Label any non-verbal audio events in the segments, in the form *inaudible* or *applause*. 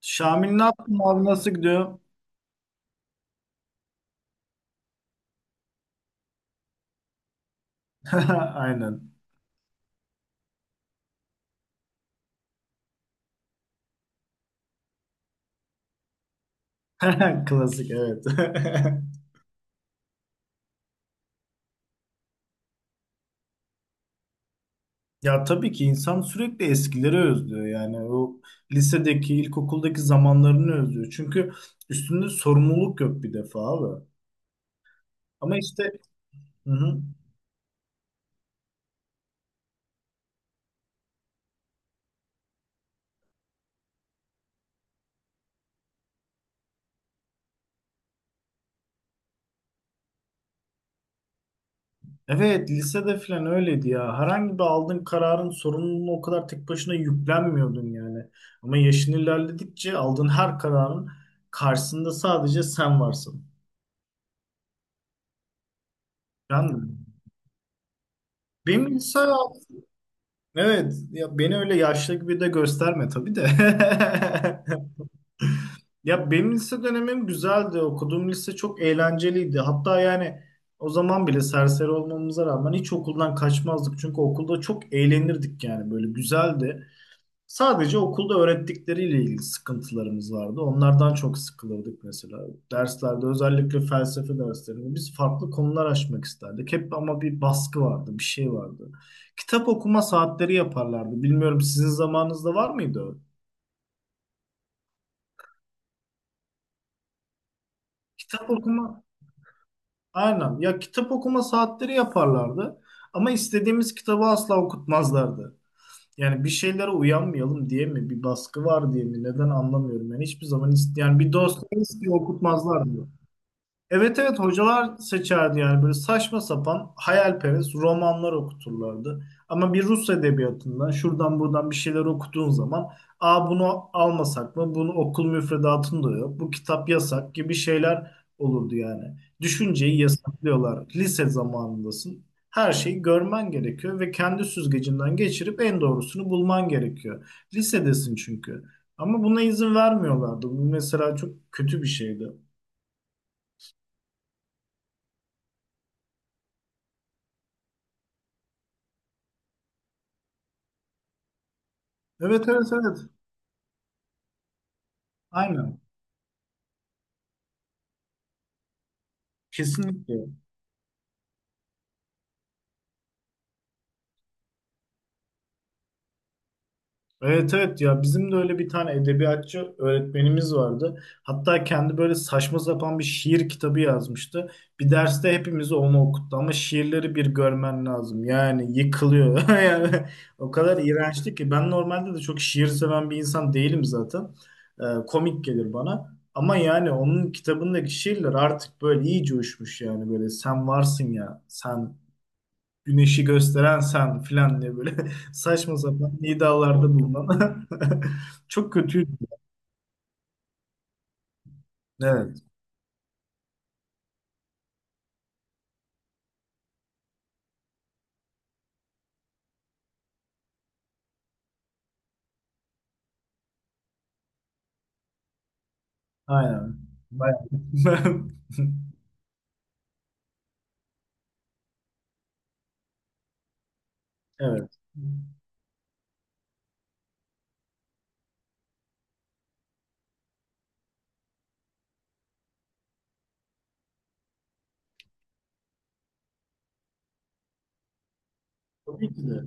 Şamil, ne yaptın abi, nasıl gidiyor? *laughs* Aynen. *laughs* Klasik, evet. *laughs* Ya tabii ki insan sürekli eskileri özlüyor, yani o lisedeki, ilkokuldaki zamanlarını özlüyor. Çünkü üstünde sorumluluk yok bir defa abi. Ama işte hı hı. Evet, lisede falan öyleydi ya. Herhangi bir aldığın kararın sorumluluğunu o kadar tek başına yüklenmiyordun yani. Ama yaşın ilerledikçe aldığın her kararın karşısında sadece sen varsın. Ben de. Benim lise Evet, ya beni öyle yaşlı gibi de gösterme tabii de. *laughs* Ya benim lise dönemim güzeldi. Okuduğum lise çok eğlenceliydi. Hatta yani o zaman bile serseri olmamıza rağmen hiç okuldan kaçmazdık. Çünkü okulda çok eğlenirdik, yani böyle güzeldi. Sadece okulda öğrettikleriyle ilgili sıkıntılarımız vardı. Onlardan çok sıkılırdık mesela. Derslerde, özellikle felsefe derslerinde biz farklı konular açmak isterdik. Hep ama bir baskı vardı, bir şey vardı. Kitap okuma saatleri yaparlardı. Bilmiyorum, sizin zamanınızda var mıydı o? Kitap okuma, aynen. Ya kitap okuma saatleri yaparlardı. Ama istediğimiz kitabı asla okutmazlardı. Yani bir şeylere uyanmayalım diye mi, bir baskı var diye mi, neden anlamıyorum. Yani hiçbir zaman ist yani bir dost istiyor okutmazlardı. Evet evet, hocalar seçerdi yani, böyle saçma sapan hayalperest romanlar okuturlardı. Ama bir Rus edebiyatından şuradan buradan bir şeyler okuduğun zaman aa, bunu almasak mı? Bunu okul müfredatında da yok. Bu kitap yasak gibi şeyler olurdu yani. Düşünceyi yasaklıyorlar. Lise zamanındasın. Her şeyi görmen gerekiyor ve kendi süzgecinden geçirip en doğrusunu bulman gerekiyor. Lisedesin çünkü. Ama buna izin vermiyorlardı. Bu mesela çok kötü bir şeydi. Evet evet evet. Aynen. Kesinlikle. Evet evet, ya bizim de öyle bir tane edebiyatçı öğretmenimiz vardı. Hatta kendi böyle saçma sapan bir şiir kitabı yazmıştı. Bir derste hepimize onu okuttu ama şiirleri bir görmen lazım. Yani yıkılıyor. *laughs* Yani o kadar iğrençti ki, ben normalde de çok şiir seven bir insan değilim zaten. Komik gelir bana. Ama yani onun kitabındaki şiirler artık böyle iyice uçmuş, yani böyle sen varsın ya, sen güneşi gösteren sen filan diye böyle *laughs* saçma sapan iddialarda bulunan. *laughs* Çok kötüydü. Evet. Aynen. Bayağı. *laughs* Evet. Tabii ki de.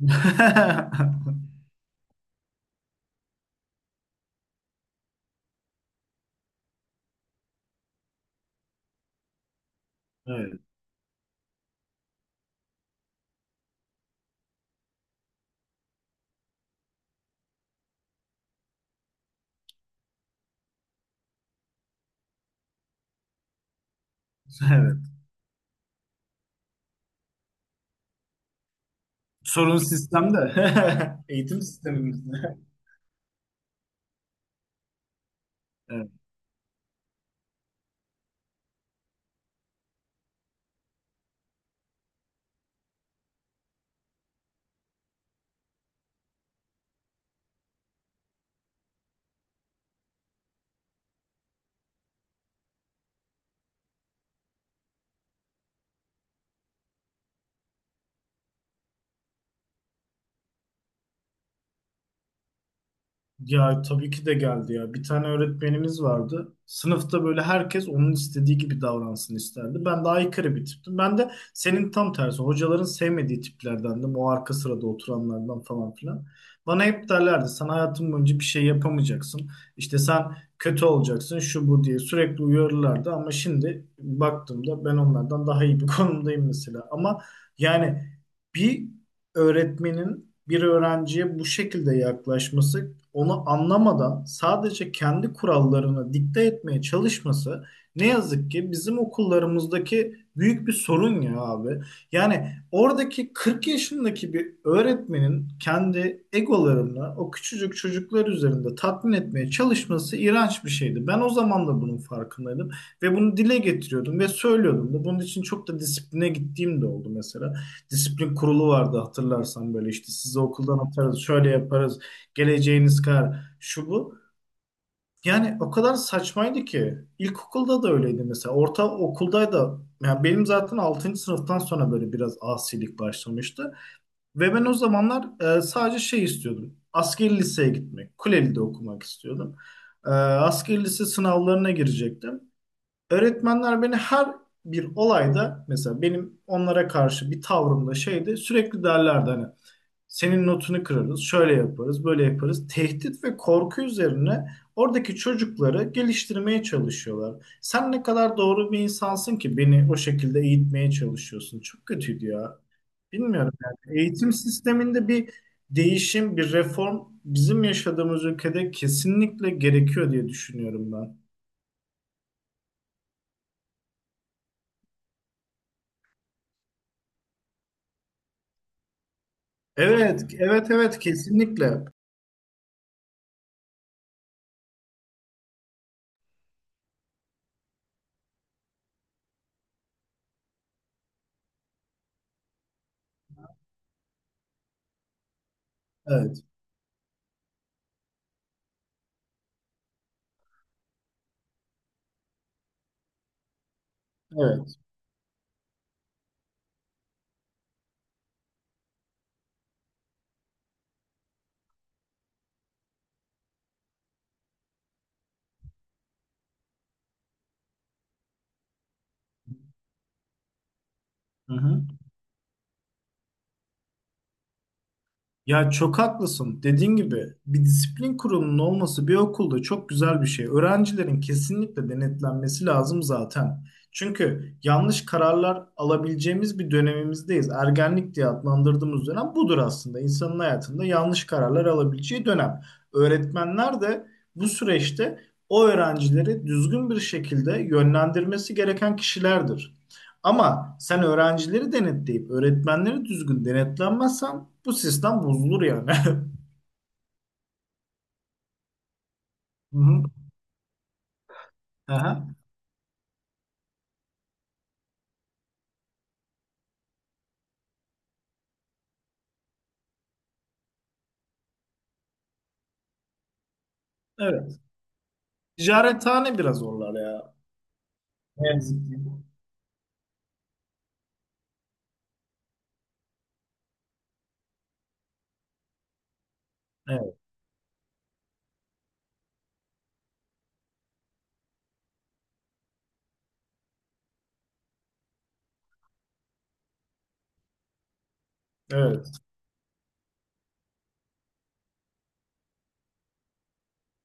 *laughs* Evet. Evet. Sorun sistemde. *laughs* Eğitim sistemimizde. Ya tabii ki de geldi ya. Bir tane öğretmenimiz vardı. Sınıfta böyle herkes onun istediği gibi davransın isterdi. Ben de aykırı bir tiptim. Ben de senin tam tersi. Hocaların sevmediği tiplerdendim. O arka sırada oturanlardan falan filan. Bana hep derlerdi sen hayatın boyunca bir şey yapamayacaksın. İşte sen kötü olacaksın şu bu diye sürekli uyarırlardı. Ama şimdi baktığımda ben onlardan daha iyi bir *laughs* konumdayım mesela. Ama yani bir öğretmenin bir öğrenciye bu şekilde yaklaşması, onu anlamadan sadece kendi kurallarını dikte etmeye çalışması ne yazık ki bizim okullarımızdaki büyük bir sorun ya abi. Yani oradaki 40 yaşındaki bir öğretmenin kendi egolarını o küçücük çocuklar üzerinde tatmin etmeye çalışması iğrenç bir şeydi. Ben o zaman da bunun farkındaydım ve bunu dile getiriyordum ve söylüyordum da. Bunun için çok da disipline gittiğim de oldu mesela. Disiplin kurulu vardı hatırlarsan, böyle işte sizi okuldan atarız, şöyle yaparız, geleceğiniz kar şu bu. Yani o kadar saçmaydı ki. İlkokulda da öyleydi mesela. Orta okulda da yani, benim zaten 6. sınıftan sonra böyle biraz asilik başlamıştı. Ve ben o zamanlar sadece şey istiyordum. Askeri liseye gitmek. Kuleli'de okumak istiyordum. Askeri lise sınavlarına girecektim. Öğretmenler beni her bir olayda, mesela benim onlara karşı bir tavrımda şeydi, sürekli derlerdi hani senin notunu kırarız, şöyle yaparız, böyle yaparız. Tehdit ve korku üzerine oradaki çocukları geliştirmeye çalışıyorlar. Sen ne kadar doğru bir insansın ki beni o şekilde eğitmeye çalışıyorsun. Çok kötüydü ya. Bilmiyorum yani. Eğitim sisteminde bir değişim, bir reform bizim yaşadığımız ülkede kesinlikle gerekiyor diye düşünüyorum ben. Evet, evet, evet, kesinlikle. Evet, evet. Hı hı. Ya çok haklısın. Dediğin gibi bir disiplin kurulunun olması bir okulda çok güzel bir şey. Öğrencilerin kesinlikle denetlenmesi lazım zaten. Çünkü yanlış kararlar alabileceğimiz bir dönemimizdeyiz. Ergenlik diye adlandırdığımız dönem budur aslında. İnsanın hayatında yanlış kararlar alabileceği dönem. Öğretmenler de bu süreçte o öğrencileri düzgün bir şekilde yönlendirmesi gereken kişilerdir. Ama sen öğrencileri denetleyip öğretmenleri düzgün denetlenmezsen bu sistem bozulur yani. *laughs* Hı hı. Aha. Evet. Ticarethane biraz zorlar ya. Ne yazık ki. Evet. Evet.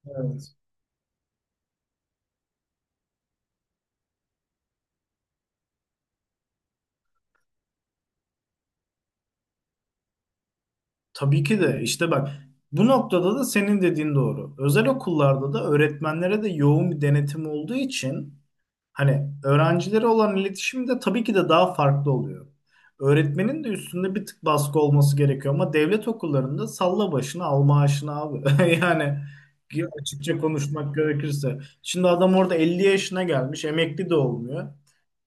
Evet. Tabii ki de işte bak, bu noktada da senin dediğin doğru. Özel okullarda da öğretmenlere de yoğun bir denetim olduğu için hani öğrencilere olan iletişim de tabii ki de daha farklı oluyor. Öğretmenin de üstünde bir tık baskı olması gerekiyor ama devlet okullarında salla başını al maaşını abi. *laughs* Yani ki açıkça konuşmak gerekirse. Şimdi adam orada 50 yaşına gelmiş, emekli de olmuyor.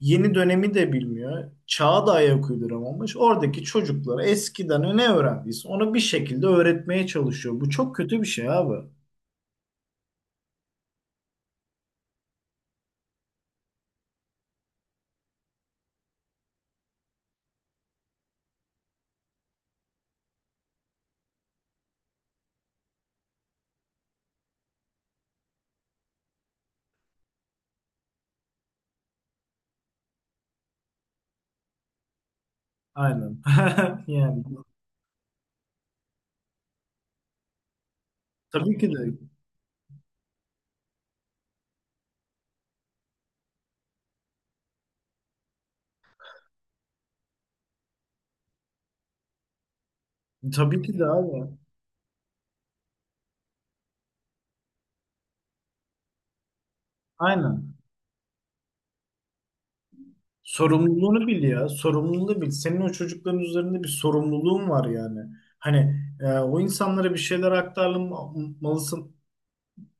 Yeni dönemi de bilmiyor. Çağa da ayak uyduramamış. Oradaki çocuklara eskiden ne öğrendiyse onu bir şekilde öğretmeye çalışıyor. Bu çok kötü bir şey abi. Aynen. *laughs* Yani tabii ki de, tabii ki de abi. Aynen. Sorumluluğunu bil ya. Sorumluluğunu bil. Senin o çocukların üzerinde bir sorumluluğun var yani. Hani o insanlara bir şeyler aktarmalısın.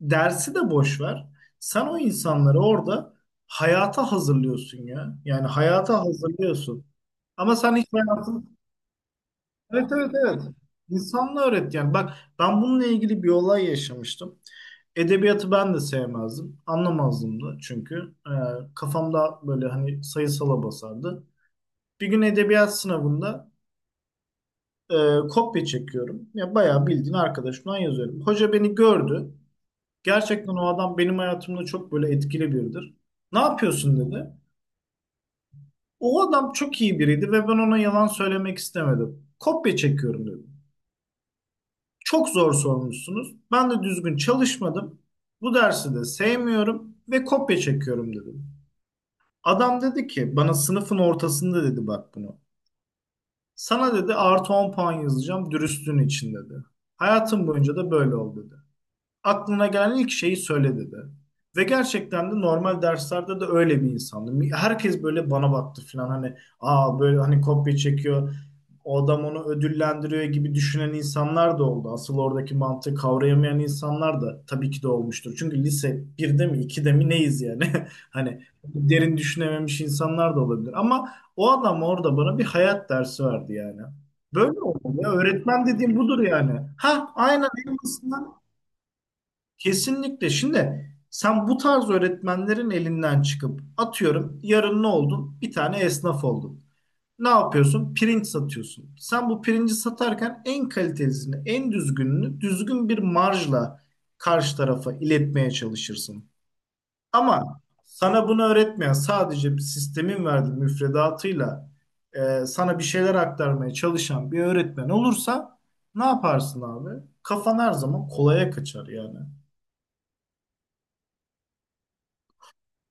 Dersi de boş ver. Sen o insanları orada hayata hazırlıyorsun ya. Yani hayata hazırlıyorsun. Ama sen hiç hayatını Evet evet evet. İnsanla öğret yani. Bak, ben bununla ilgili bir olay yaşamıştım. Edebiyatı ben de sevmezdim. Anlamazdım da çünkü. Kafamda böyle hani sayısala basardı. Bir gün edebiyat sınavında e, kopya çekiyorum. Ya bayağı bildiğin arkadaşımdan yazıyorum. Hoca beni gördü. Gerçekten o adam benim hayatımda çok böyle etkili biridir. Ne yapıyorsun dedi. O adam çok iyi biriydi ve ben ona yalan söylemek istemedim. Kopya çekiyorum dedi. Çok zor sormuşsunuz. Ben de düzgün çalışmadım. Bu dersi de sevmiyorum ve kopya çekiyorum dedim. Adam dedi ki bana, sınıfın ortasında dedi, bak bunu. Sana dedi artı 10 puan yazacağım dürüstlüğün için dedi. Hayatım boyunca da böyle ol dedi. Aklına gelen ilk şeyi söyle dedi. Ve gerçekten de normal derslerde de öyle bir insandım. Herkes böyle bana baktı falan, hani aa böyle hani kopya çekiyor o adam onu ödüllendiriyor gibi düşünen insanlar da oldu. Asıl oradaki mantığı kavrayamayan insanlar da tabii ki de olmuştur. Çünkü lise 1'de mi 2'de mi neyiz yani? *laughs* Hani derin düşünememiş insanlar da olabilir. Ama o adam orada bana bir hayat dersi verdi yani. Böyle olmalı ya. Öğretmen dediğim budur yani. Ha, aynen, en basitinden. Kesinlikle. Şimdi sen bu tarz öğretmenlerin elinden çıkıp atıyorum yarın ne oldun? Bir tane esnaf oldun. Ne yapıyorsun? Pirinç satıyorsun. Sen bu pirinci satarken en kalitelisini, en düzgününü düzgün bir marjla karşı tarafa iletmeye çalışırsın. Ama sana bunu öğretmeyen, sadece bir sistemin verdiği müfredatıyla sana bir şeyler aktarmaya çalışan bir öğretmen olursa ne yaparsın abi? Kafan her zaman kolaya kaçar yani.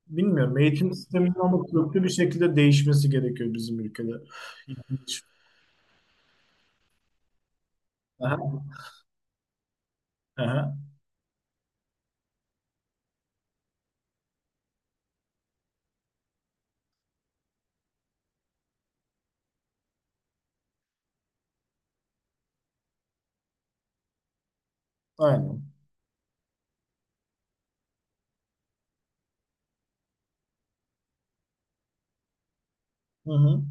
Bilmiyorum, eğitim sisteminin ama köklü bir şekilde değişmesi gerekiyor bizim ülkede. Aha, aha, aynen. Hı hı.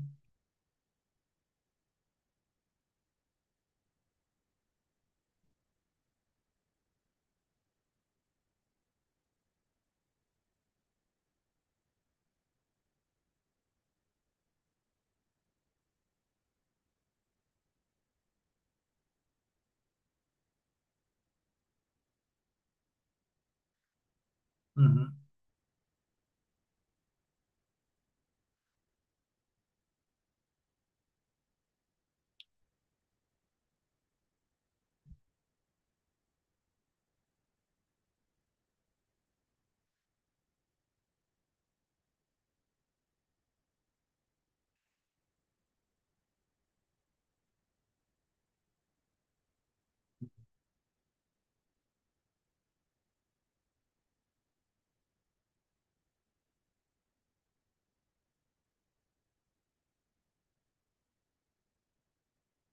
Hı hı,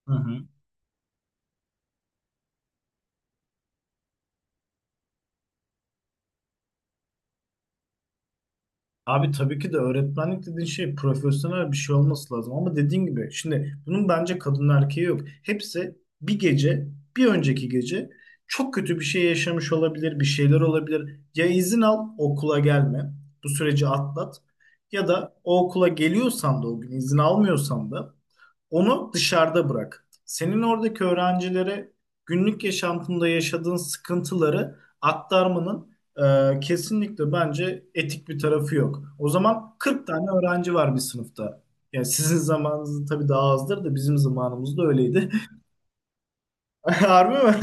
hı hı. Abi, tabii ki de öğretmenlik dediğin şey profesyonel bir şey olması lazım ama dediğin gibi şimdi bunun bence kadın erkeği yok. Hepsi bir gece, bir önceki gece çok kötü bir şey yaşamış olabilir, bir şeyler olabilir. Ya izin al okula gelme, bu süreci atlat ya da o okula geliyorsan da, o gün izin almıyorsan da onu dışarıda bırak. Senin oradaki öğrencilere günlük yaşantında yaşadığın sıkıntıları aktarmanın kesinlikle bence etik bir tarafı yok. O zaman 40 tane öğrenci var bir sınıfta. Yani sizin zamanınızda tabii daha azdır da bizim zamanımızda öyleydi. *laughs* Harbi mi?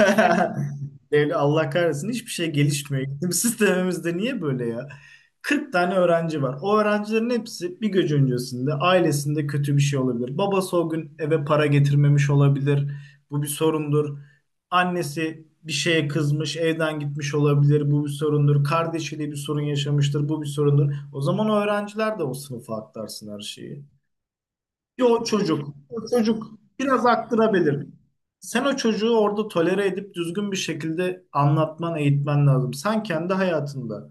*laughs* Devlet Allah kahretsin, hiçbir şey gelişmiyor. Eğitim *laughs* sistemimizde niye böyle ya? 40 tane öğrenci var. O öğrencilerin hepsi bir gece öncesinde ailesinde kötü bir şey olabilir. Babası o gün eve para getirmemiş olabilir. Bu bir sorundur. Annesi bir şeye kızmış, evden gitmiş olabilir. Bu bir sorundur. Kardeşiyle bir sorun yaşamıştır. Bu bir sorundur. O zaman o öğrenciler de o sınıfa aktarsın her şeyi. Ya o çocuk, o çocuk biraz aktırabilir. Sen o çocuğu orada tolere edip düzgün bir şekilde anlatman, eğitmen lazım. Sen kendi hayatında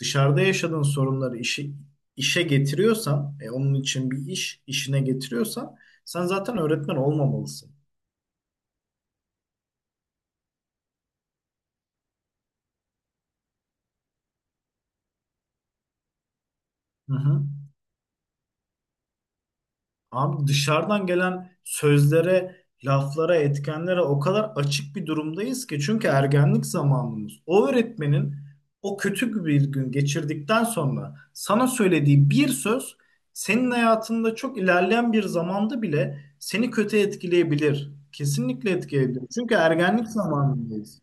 dışarıda yaşadığın sorunları işi, işe getiriyorsan, onun için bir iş, işine getiriyorsan sen zaten öğretmen olmamalısın. Hı hı. Abi dışarıdan gelen sözlere, laflara, etkenlere o kadar açık bir durumdayız ki, çünkü ergenlik zamanımız. O öğretmenin o kötü bir gün geçirdikten sonra sana söylediği bir söz senin hayatında çok ilerleyen bir zamanda bile seni kötü etkileyebilir. Kesinlikle etkileyebilir. Çünkü ergenlik zamanındayız.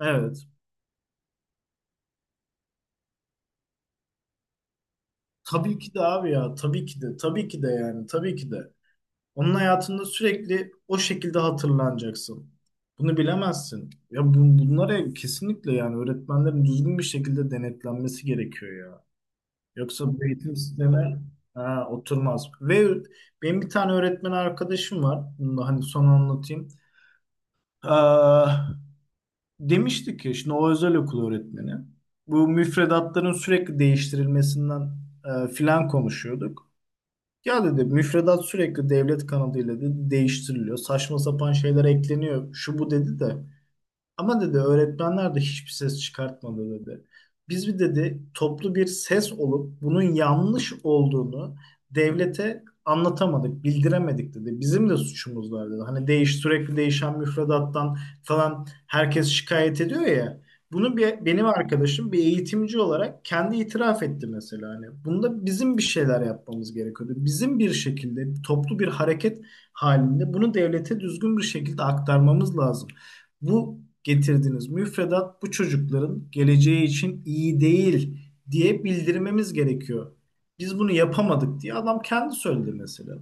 Evet. Tabii ki de abi ya. Tabii ki de. Tabii ki de yani. Tabii ki de. Onun hayatında sürekli o şekilde hatırlanacaksın. Bunu bilemezsin. Ya bu, bunlara kesinlikle yani öğretmenlerin düzgün bir şekilde denetlenmesi gerekiyor ya. Yoksa bu eğitim sistemi ha, oturmaz. Ve benim bir tane öğretmen arkadaşım var. Bunu da hani son anlatayım. Aa, demişti ki şimdi, o özel okul öğretmeni. Bu müfredatların sürekli değiştirilmesinden filan konuşuyorduk. Ya dedi müfredat sürekli devlet kanadıyla dedi değiştiriliyor. Saçma sapan şeyler ekleniyor. Şu bu dedi de. Ama dedi öğretmenler de hiçbir ses çıkartmadı dedi. Biz bir dedi toplu bir ses olup bunun yanlış olduğunu devlete anlatamadık, bildiremedik dedi. Bizim de suçumuz var dedi. Hani değiş sürekli değişen müfredattan falan herkes şikayet ediyor ya. Bunu bir, benim arkadaşım bir eğitimci olarak kendi itiraf etti mesela. Hani bunda bizim bir şeyler yapmamız gerekiyordu. Bizim bir şekilde toplu bir hareket halinde bunu devlete düzgün bir şekilde aktarmamız lazım, bu getirdiğiniz müfredat bu çocukların geleceği için iyi değil diye bildirmemiz gerekiyor. Biz bunu yapamadık diye adam kendi söyledi mesela.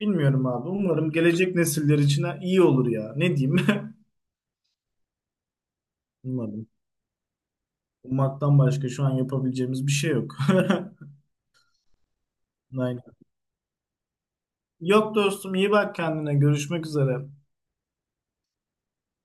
Bilmiyorum abi. Umarım gelecek nesiller için ha- iyi olur ya. Ne diyeyim? *laughs* Umarım. Ummaktan başka şu an yapabileceğimiz bir şey yok. *laughs* Aynen. Yok dostum, iyi bak kendine. Görüşmek üzere.